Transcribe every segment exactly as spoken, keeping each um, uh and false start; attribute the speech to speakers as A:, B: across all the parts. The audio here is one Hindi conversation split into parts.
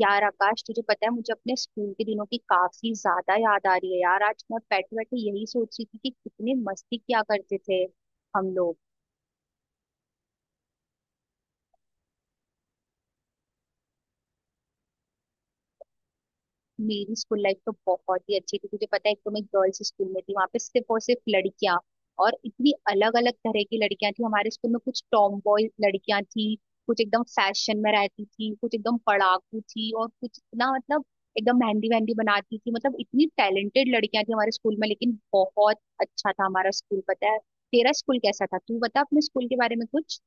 A: यार आकाश, तुझे पता है मुझे अपने स्कूल के दिनों की काफी ज्यादा याद आ रही है। यार आज मैं बैठे बैठे यही सोच रही थी कि कितनी मस्ती किया करते थे हम लोग। मेरी स्कूल लाइफ तो बहुत ही अच्छी थी। तुझे पता है, एक तो मैं गर्ल्स स्कूल में थी, वहां पे सिर्फ और सिर्फ लड़कियां। और इतनी अलग अलग तरह की लड़कियां थी हमारे स्कूल में। कुछ टॉम बॉय लड़कियां थी, कुछ एकदम फैशन में रहती थी, कुछ एकदम पढ़ाकू थी, और कुछ इतना मतलब एकदम मेहंदी वहंदी बनाती थी। मतलब इतनी टैलेंटेड लड़कियां थी हमारे स्कूल में, लेकिन बहुत अच्छा था हमारा स्कूल। पता है, तेरा स्कूल कैसा था? तू बता अपने स्कूल के बारे में कुछ।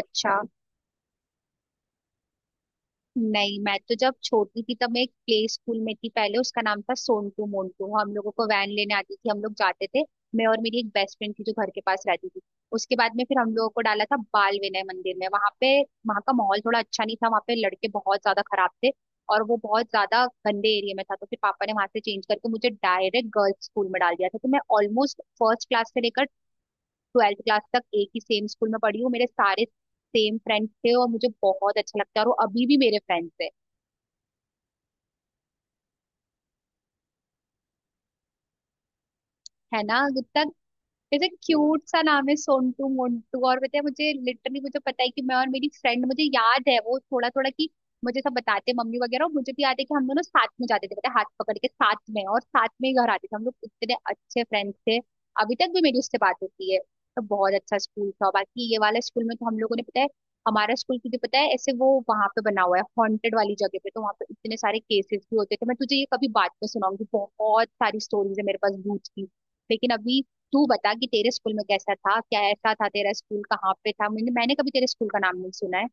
A: अच्छा, नहीं, मैं तो जब छोटी थी तब मैं एक प्ले स्कूल में थी पहले, उसका नाम था सोनटू मोन्टू। हम लोगों को वैन लेने आती थी, हम लोग जाते थे मैं और मेरी एक बेस्ट फ्रेंड थी जो घर के पास रहती थी। उसके बाद में फिर हम लोगों को डाला था बाल विनय मंदिर में। वहां पे, वहां का माहौल थोड़ा अच्छा नहीं था, वहां पे लड़के बहुत ज्यादा खराब थे और वो बहुत ज्यादा गंदे एरिया में था। तो फिर पापा ने वहां से चेंज करके मुझे डायरेक्ट गर्ल्स स्कूल में डाल दिया था। तो मैं ऑलमोस्ट फर्स्ट क्लास से लेकर ट्वेल्थ क्लास तक एक ही सेम स्कूल में पढ़ी हूँ। मेरे सारे सेम फ्रेंड्स थे, और मुझे बहुत अच्छा लगता है, और वो अभी भी मेरे फ्रेंड्स है। है ना? कितना ऐसे क्यूट सा नाम है, सोनटू मोंटू। और बताया मुझे, लिटरली मुझे पता है कि मैं और मेरी फ्रेंड, मुझे याद है वो थोड़ा थोड़ा कि मुझे सब बताते मम्मी वगैरह, और मुझे भी याद है कि हम दोनों साथ में जाते थे, पता है, हाथ पकड़ के साथ में, और साथ में ही घर आते थे। हम लोग इतने अच्छे फ्रेंड्स थे, अभी तक भी मेरी उससे बात होती है। तो बहुत अच्छा स्कूल था। बाकी ये वाला स्कूल में तो हम लोगों ने पता है, हमारा स्कूल, तुझे पता है ऐसे वो वहां पे बना हुआ है हॉन्टेड वाली जगह पे, तो वहां पे इतने सारे केसेस भी होते थे। मैं तुझे ये कभी बात में सुनाऊंगी, बहुत सारी स्टोरीज है मेरे पास भूत की। लेकिन अभी तू बता कि तेरे स्कूल में कैसा था, क्या ऐसा था, तेरा स्कूल कहाँ पे था? मैंने मैंने कभी तेरे स्कूल का नाम नहीं सुना है।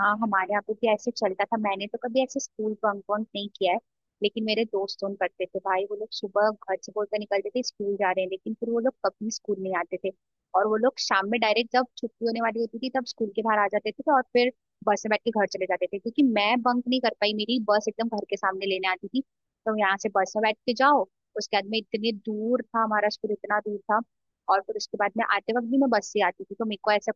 A: हाँ, हमारे यहाँ पे भी ऐसे चलता था। मैंने तो कभी ऐसे स्कूल बंक वंक नहीं किया है, लेकिन मेरे दोस्त उन करते थे भाई। वो लोग सुबह घर से बोलकर निकलते थे स्कूल जा रहे हैं, लेकिन फिर वो लोग कभी स्कूल नहीं आते थे, और वो लोग शाम में डायरेक्ट जब छुट्टी होने वाली होती थी तब स्कूल के बाहर आ जाते थे, और फिर बस में बैठ के घर चले जाते थे। क्योंकि मैं बंक नहीं कर पाई, मेरी बस एकदम घर के सामने लेने आती थी। तो यहाँ से बस में बैठ के जाओ, उसके बाद में इतने दूर था हमारा स्कूल, इतना दूर था। और फिर उसके बाद में आते वक्त भी मैं बस से आती थी, तो मेरे को ऐसा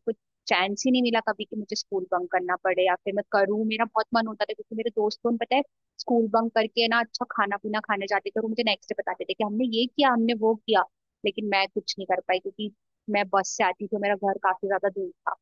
A: चांस ही नहीं मिला कभी कि मुझे स्कूल बंक करना पड़े या फिर मैं करूँ। मेरा बहुत मन होता था क्योंकि मेरे दोस्तों ने, पता है, स्कूल बंक करके ना अच्छा खाना पीना खाने जाते थे और मुझे नेक्स्ट डे बताते थे कि हमने ये किया हमने वो किया। लेकिन मैं कुछ नहीं कर पाई क्योंकि मैं बस से आती थी और मेरा घर काफी ज्यादा दूर था।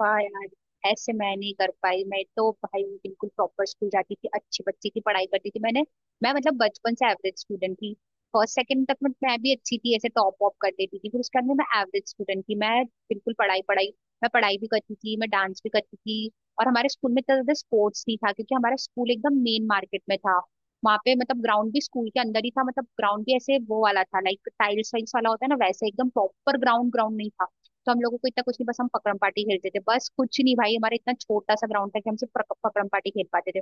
A: वाह यार, ऐसे मैं नहीं कर पाई। मैं तो भाई बिल्कुल प्रॉपर स्कूल जाती थी, अच्छे बच्चे की पढ़ाई करती थी मैंने। मैं मतलब बचपन से एवरेज स्टूडेंट थी। फर्स्ट सेकंड तक मैं मैं भी अच्छी थी, ऐसे टॉप वॉप कर देती थी, फिर उसके बाद में मैं एवरेज स्टूडेंट थी। मैं बिल्कुल पढ़ाई पढ़ाई, मैं पढ़ाई भी करती थी, मैं डांस भी करती थी। और हमारे स्कूल में इतना ज्यादा स्पोर्ट्स नहीं था क्योंकि हमारा स्कूल एकदम मेन मार्केट में था। वहां पे मतलब ग्राउंड भी स्कूल के अंदर ही था, मतलब ग्राउंड भी ऐसे वो वाला था, लाइक टाइल्स वाइल्स वाला होता है ना, वैसे एकदम प्रॉपर ग्राउंड ग्राउंड नहीं था। तो हम लोगों को इतना कुछ नहीं, बस हम पकड़म पार्टी खेलते थे, बस कुछ नहीं भाई, हमारा इतना छोटा सा ग्राउंड था कि हम सिर्फ पक- पकड़म पार्टी खेल पाते थे।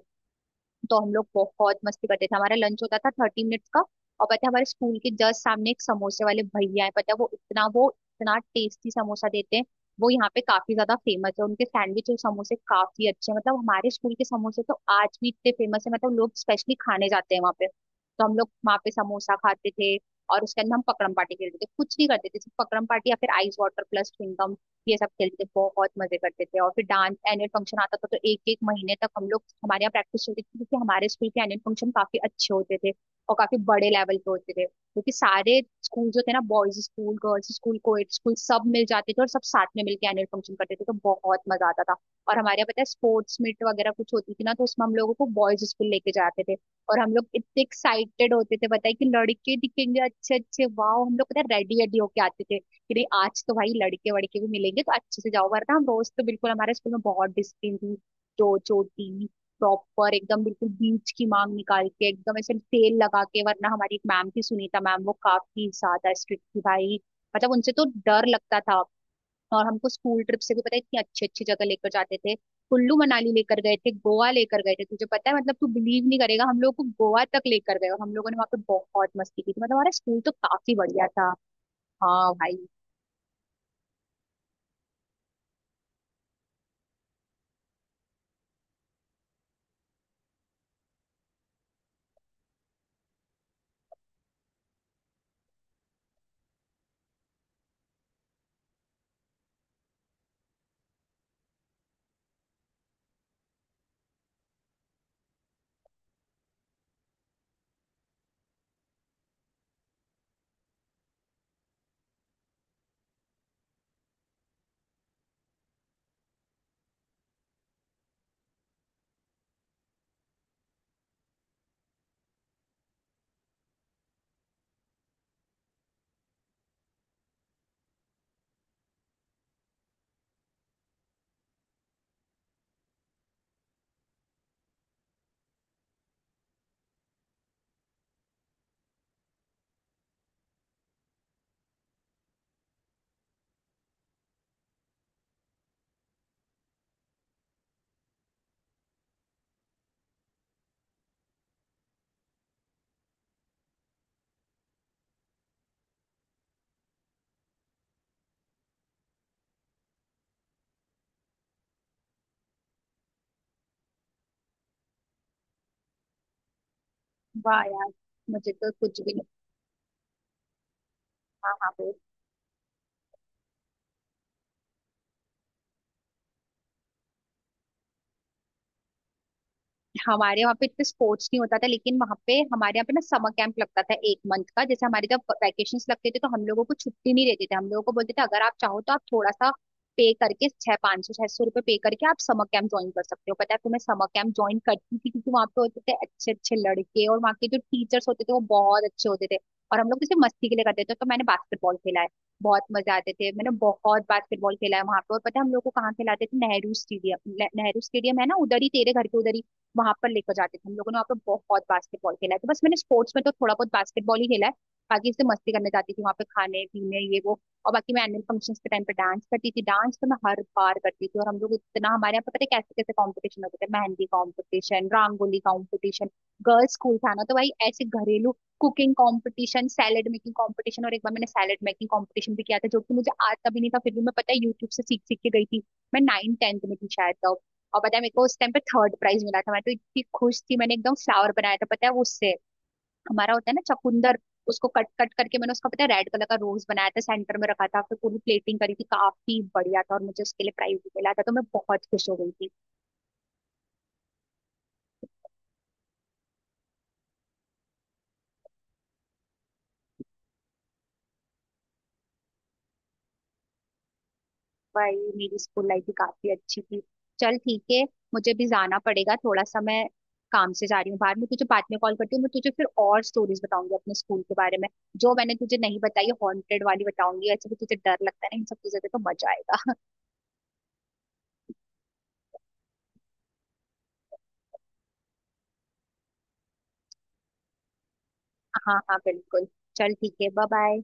A: तो हम लोग बहुत मस्ती करते थे। हमारा लंच होता था थर्टी मिनट्स का, और पता है हमारे स्कूल के जस्ट सामने एक समोसे वाले भैया है, पता है वो इतना वो इतना टेस्टी समोसा देते हैं, वो यहाँ पे काफी ज्यादा फेमस है, उनके सैंडविच और समोसे काफी अच्छे हैं। मतलब हमारे स्कूल के समोसे तो आज भी इतने फेमस है, मतलब लोग स्पेशली खाने जाते हैं वहाँ पे। तो हम लोग वहाँ पे समोसा खाते थे, और उसके अंदर हम पकड़म पार्टी खेलते थे, कुछ नहीं करते थे, सिर्फ पकड़म पार्टी या फिर आइस वाटर प्लस च्युइंगम। ये सब खेलते थे, बहुत मजे करते थे। और फिर डांस एनुअल फंक्शन आता था, तो एक एक महीने तक हम लोग हमारे यहाँ प्रैक्टिस चलती थी, क्योंकि हमारे स्कूल के एनुअल फंक्शन काफी अच्छे होते थे और काफी बड़े लेवल पे होते थे, क्योंकि सारे स्कूल जो थे ना, boys school, girls school, coed school, सब मिल जाते थे और सब साथ में मिलके एनुअल फंक्शन करते थे, तो बहुत मजा आता था। और हमारे यहाँ पता है स्पोर्ट्स मीट वगैरह कुछ होती थी ना, तो उसमें हम लोगों को बॉयज स्कूल लेके जाते थे, और हम लोग इतने एक्साइटेड होते थे, बताए कि लड़के दिखेंगे अच्छे अच्छे, वाह! हम लोग पता है रेडी रेडी होके आते थे कि नहीं आज तो भाई लड़के वड़के भी मिलेंगे, तो अच्छे से जाओ, वरना हम रोज तो बिल्कुल, हमारे स्कूल में बहुत डिसिप्लिन थी, जो चोटी प्रॉपर एकदम बिल्कुल बीच की मांग निकाल के एकदम ऐसे तेल लगा के, वरना हमारी एक मैम थी सुनीता मैम, वो काफी ज्यादा स्ट्रिक्ट थी भाई, मतलब उनसे तो डर लगता था। और हमको स्कूल ट्रिप से भी पता है इतनी अच्छी अच्छी जगह लेकर जाते थे। कुल्लू मनाली लेकर गए थे, गोवा लेकर गए थे। तुझे पता है, मतलब तू बिलीव नहीं करेगा, हम लोग को गोवा तक लेकर गए, और हम लोगों ने वहां पे बहुत मस्ती की थी, मतलब हमारा स्कूल तो काफी बढ़िया था। हाँ भाई। वाह यार। मुझे तो कुछ भी नहीं। हाँ हाँ, बोल। हमारे वहाँ पे इतने स्पोर्ट्स नहीं होता था, लेकिन वहाँ पे हमारे यहाँ पे ना समर कैंप लगता था एक मंथ का। जैसे हमारे जब वैकेशन लगते थे तो हम लोगों को छुट्टी नहीं देते थे। हम लोगों को बोलते थे अगर आप चाहो तो आप थोड़ा सा पे करके छह पाँच सौ छह सौ रुपये पे करके आप समर कैंप ज्वाइन कर सकते हो। पता है, तुम्हें समर कैंप ज्वाइन करती थी क्योंकि वहाँ पे होते थे अच्छे अच्छे लड़के, और वहाँ के जो टीचर्स होते थे वो बहुत अच्छे होते थे, और हम लोग जैसे मस्ती के लिए करते थे। तो मैंने बास्केटबॉल खेला है, बहुत मजे आते थे। मैंने बहुत बास्केटबॉल खेला है वहां पे, और पता है हम लोग को कहाँ खिलाते थे? नेहरू स्टेडियम। नेहरू स्टेडियम है ना उधर ही, तेरे घर के उधर ही, वहां पर लेकर जाते थे। हम लोगों ने वहाँ पे बहुत बास्केटबॉल खेला है। तो बस मैंने स्पोर्ट्स में तो थोड़ा बहुत बास्केटबॉल ही खेला है, बाकी इससे मस्ती करने जाती थी वहाँ पे खाने पीने ये वो। और बाकी मैं एनुअल फंक्शंस के टाइम पे डांस करती थी, डांस तो मैं हर बार करती थी। और हम लोग इतना हमारे यहाँ पे पता है कैसे कैसे कॉम्पिटिशन होते थे, mehndi competition, rangoli competition, girls school था ना तो भाई ऐसे घरेलू cooking competition, salad making competition. और एक बार मैंने सैलेड मेकिंग कंपटीशन भी किया था जो कि मुझे आता भी नहीं था, फिर भी मैं पता है यूट्यूब से सीख सीख के गई थी। मैं नाइन टेंथ में थी शायद तो। और पता है मेरे को उस टाइम पे थर्ड प्राइज मिला था, मैं तो इतनी खुश थी। मैंने एकदम फ्लावर बनाया था, पता है वो उससे हमारा होता है ना चकुंदर, उसको कट कट करके मैंने उसका पता है रेड कलर का रोज बनाया था, सेंटर में रखा था, फिर पूरी प्लेटिंग करी थी, काफी बढ़िया था, और मुझे उसके लिए प्राइज भी मिला था, तो मैं बहुत खुश हो गई थी। भाई मेरी स्कूल लाइफ भी काफी अच्छी थी। चल ठीक है, मुझे भी जाना पड़ेगा थोड़ा सा, मैं काम से जा रही हूँ बाहर। मैं तुझे बाद में कॉल करती हूँ, मैं तुझे फिर और स्टोरीज बताऊंगी अपने स्कूल के बारे में जो मैंने तुझे नहीं बताई। हॉन्टेड वाली बताऊंगी, ऐसे भी तुझे डर लगता है ना इन सब चीजों से, तो मजा आएगा। हाँ हाँ बिल्कुल। चल ठीक है, बाय बाय।